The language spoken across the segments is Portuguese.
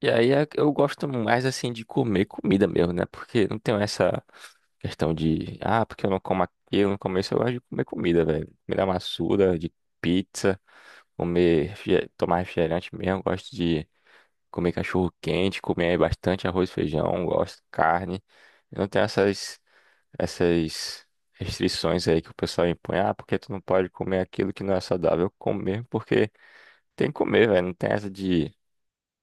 E aí eu gosto mais assim de comer comida mesmo, né? Porque não tem essa questão de, ah, porque eu não como aquilo, não como isso, eu gosto de comer comida, velho. Comida maçuda, de pizza, tomar refrigerante mesmo, eu gosto de comer cachorro quente, comer bastante arroz e feijão, gosto de carne. Eu não tenho essas restrições aí que o pessoal impõe, ah, porque tu não pode comer aquilo que não é saudável. Eu como mesmo porque tem que comer, velho. Não tem essa de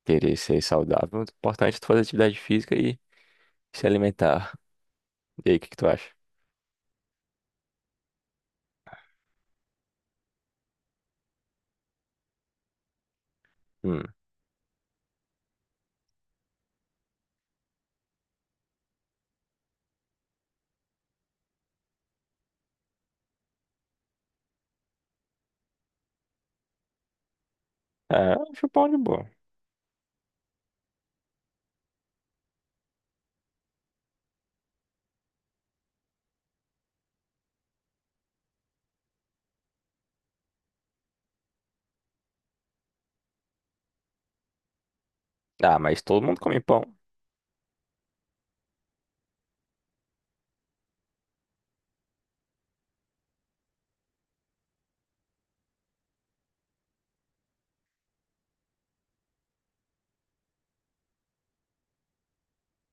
querer ser saudável, o importante é tu fazer atividade física e se alimentar. E aí, o que que tu acha? Hum. É, eu acho pão de boa. Ah, mas todo mundo come pão.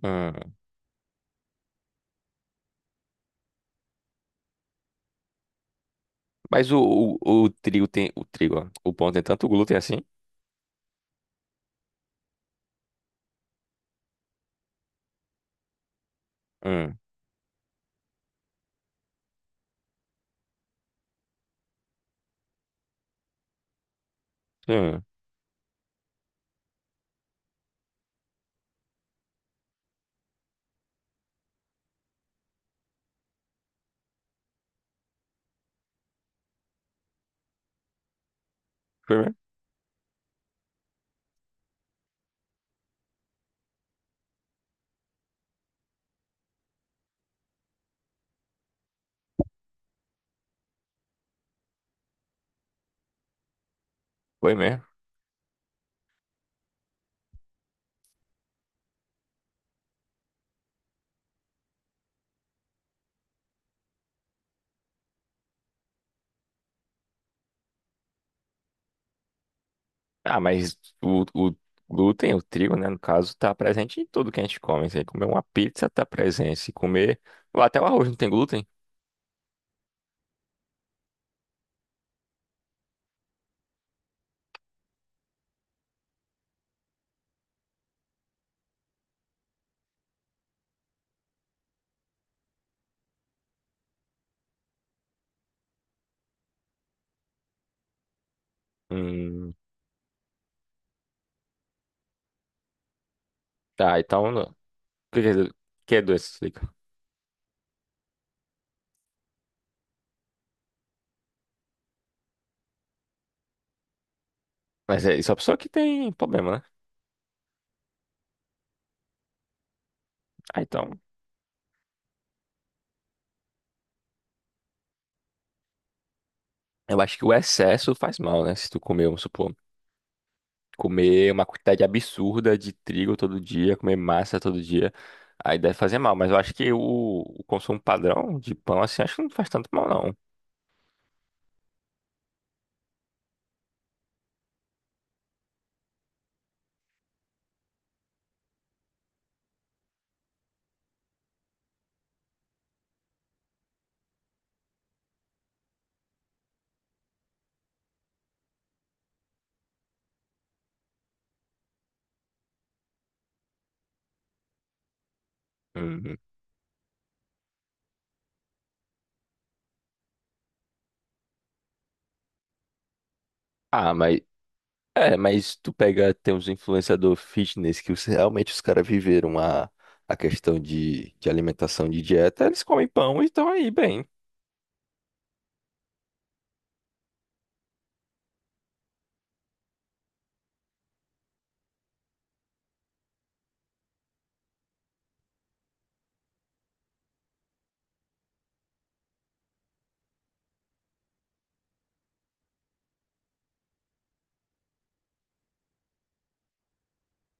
Hum. Mas o trigo tem. O trigo, ó. O pão tem tanto glúten assim? Hum. Hum. Foi mesmo? Foi mesmo. Ah, mas o glúten, o trigo, né, no caso, tá presente em tudo que a gente come. Se comer uma pizza, tá presente. Se comer. Ou até o arroz não tem glúten? Hum. Tá, então, não. O que que é, do- que é doença? Explica. Mas é, isso é a pessoa que tem problema, né? Ah, então, eu acho que o excesso faz mal, né? Se tu comer, vamos supor, comer uma quantidade absurda de trigo todo dia, comer massa todo dia, aí deve fazer mal. Mas eu acho que o consumo padrão de pão, assim, acho que não faz tanto mal, não. Uhum. Ah, mas, mas tu pega, tem uns influenciador fitness que realmente os caras viveram a questão de alimentação, de dieta, eles comem pão e estão aí bem.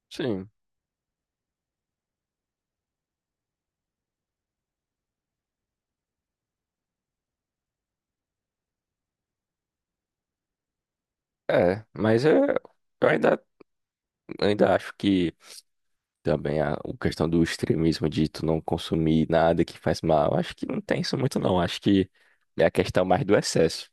Sim, é, mas é, eu ainda acho que também a questão do extremismo de tu não consumir nada que faz mal. Acho que não tem isso muito, não. Acho que é a questão mais do excesso.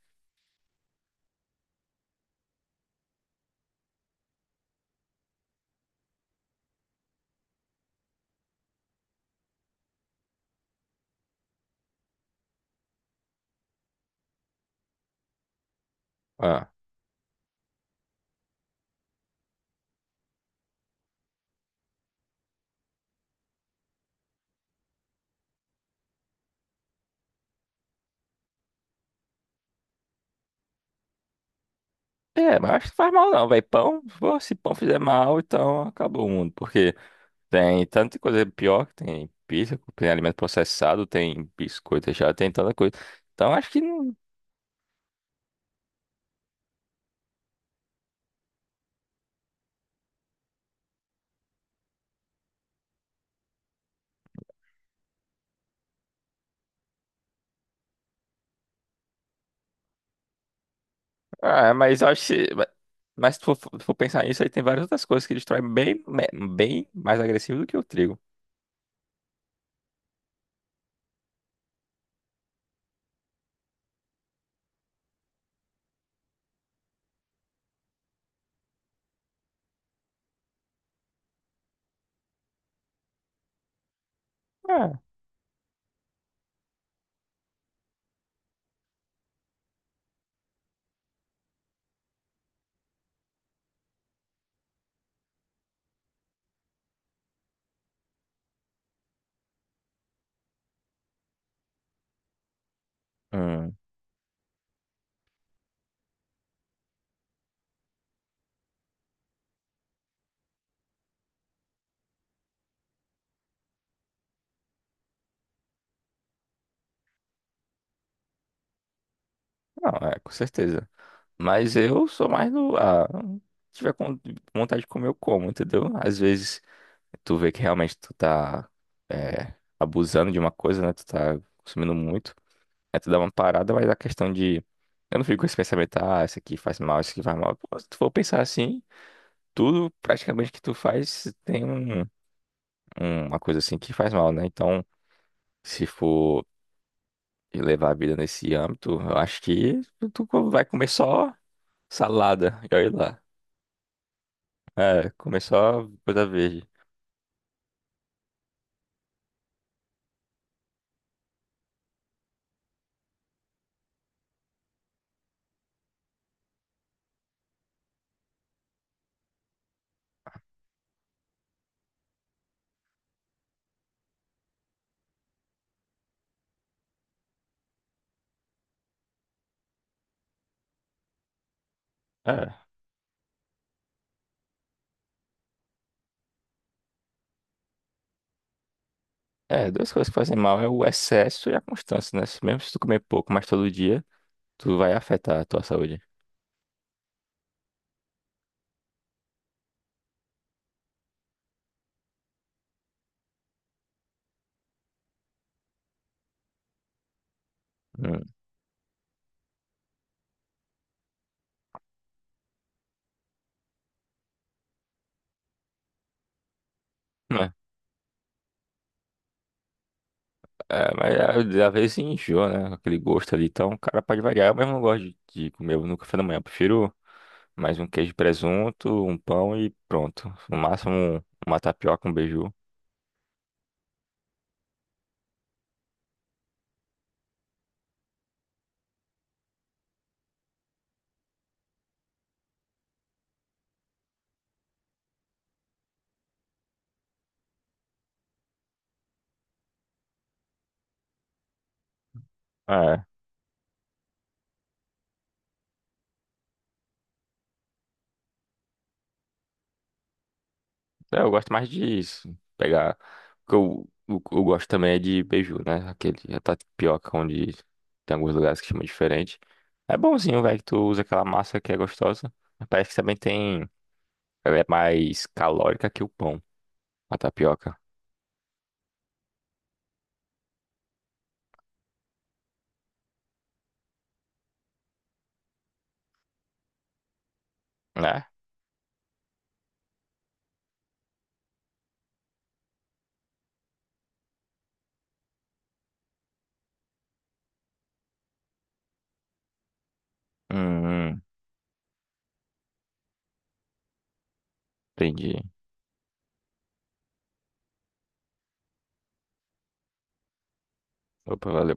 Ah. É, mas acho que não faz mal, não, velho. Pão, pô, se pão fizer mal, então acabou o mundo. Porque tem tanta coisa pior, que tem pizza, tem alimento processado, tem biscoito já, tem tanta coisa. Então acho que não. Ah, mas eu acho que, mas se tu for, for pensar nisso, aí tem várias outras coisas que destroem bem, bem mais agressivo do que o trigo. É. Hum. Não, é, com certeza. Mas eu sou mais do. Ah, se tiver com vontade de comer, eu como, entendeu? Às vezes tu vê que realmente tu tá é, abusando de uma coisa, né? Tu tá consumindo muito. Aí tu dá uma parada, mas a questão de. Eu não fico com esse pensamento, ah, isso aqui faz mal, isso aqui faz mal. Pô, se tu for pensar assim, tudo praticamente que tu faz tem um, uma coisa assim que faz mal, né? Então, se for levar a vida nesse âmbito, eu acho que tu vai comer só salada. E olha lá. É, começou a coisa verde. É, é, duas coisas que fazem mal é o excesso e a constância, né? Mesmo se tu comer pouco, mas todo dia, tu vai afetar a tua saúde. Hum. Né? É, é, mas é, às vezes enjoa, né? Aquele gosto ali. Então, o cara pode variar. Eu mesmo não gosto de comer no café da manhã. Eu prefiro mais um queijo e presunto, um pão e pronto. No máximo, uma tapioca, um beiju. É. É, eu gosto mais disso. Pegar. O que eu, o eu gosto também é de beiju, né? Aquele a tapioca, onde tem alguns lugares que chama diferente. É bonzinho, velho, que tu usa aquela massa que é gostosa. Mas parece que também tem. Ela é mais calórica que o pão, a tapioca. Né? Hum, hum, entendi. Opa, valeu.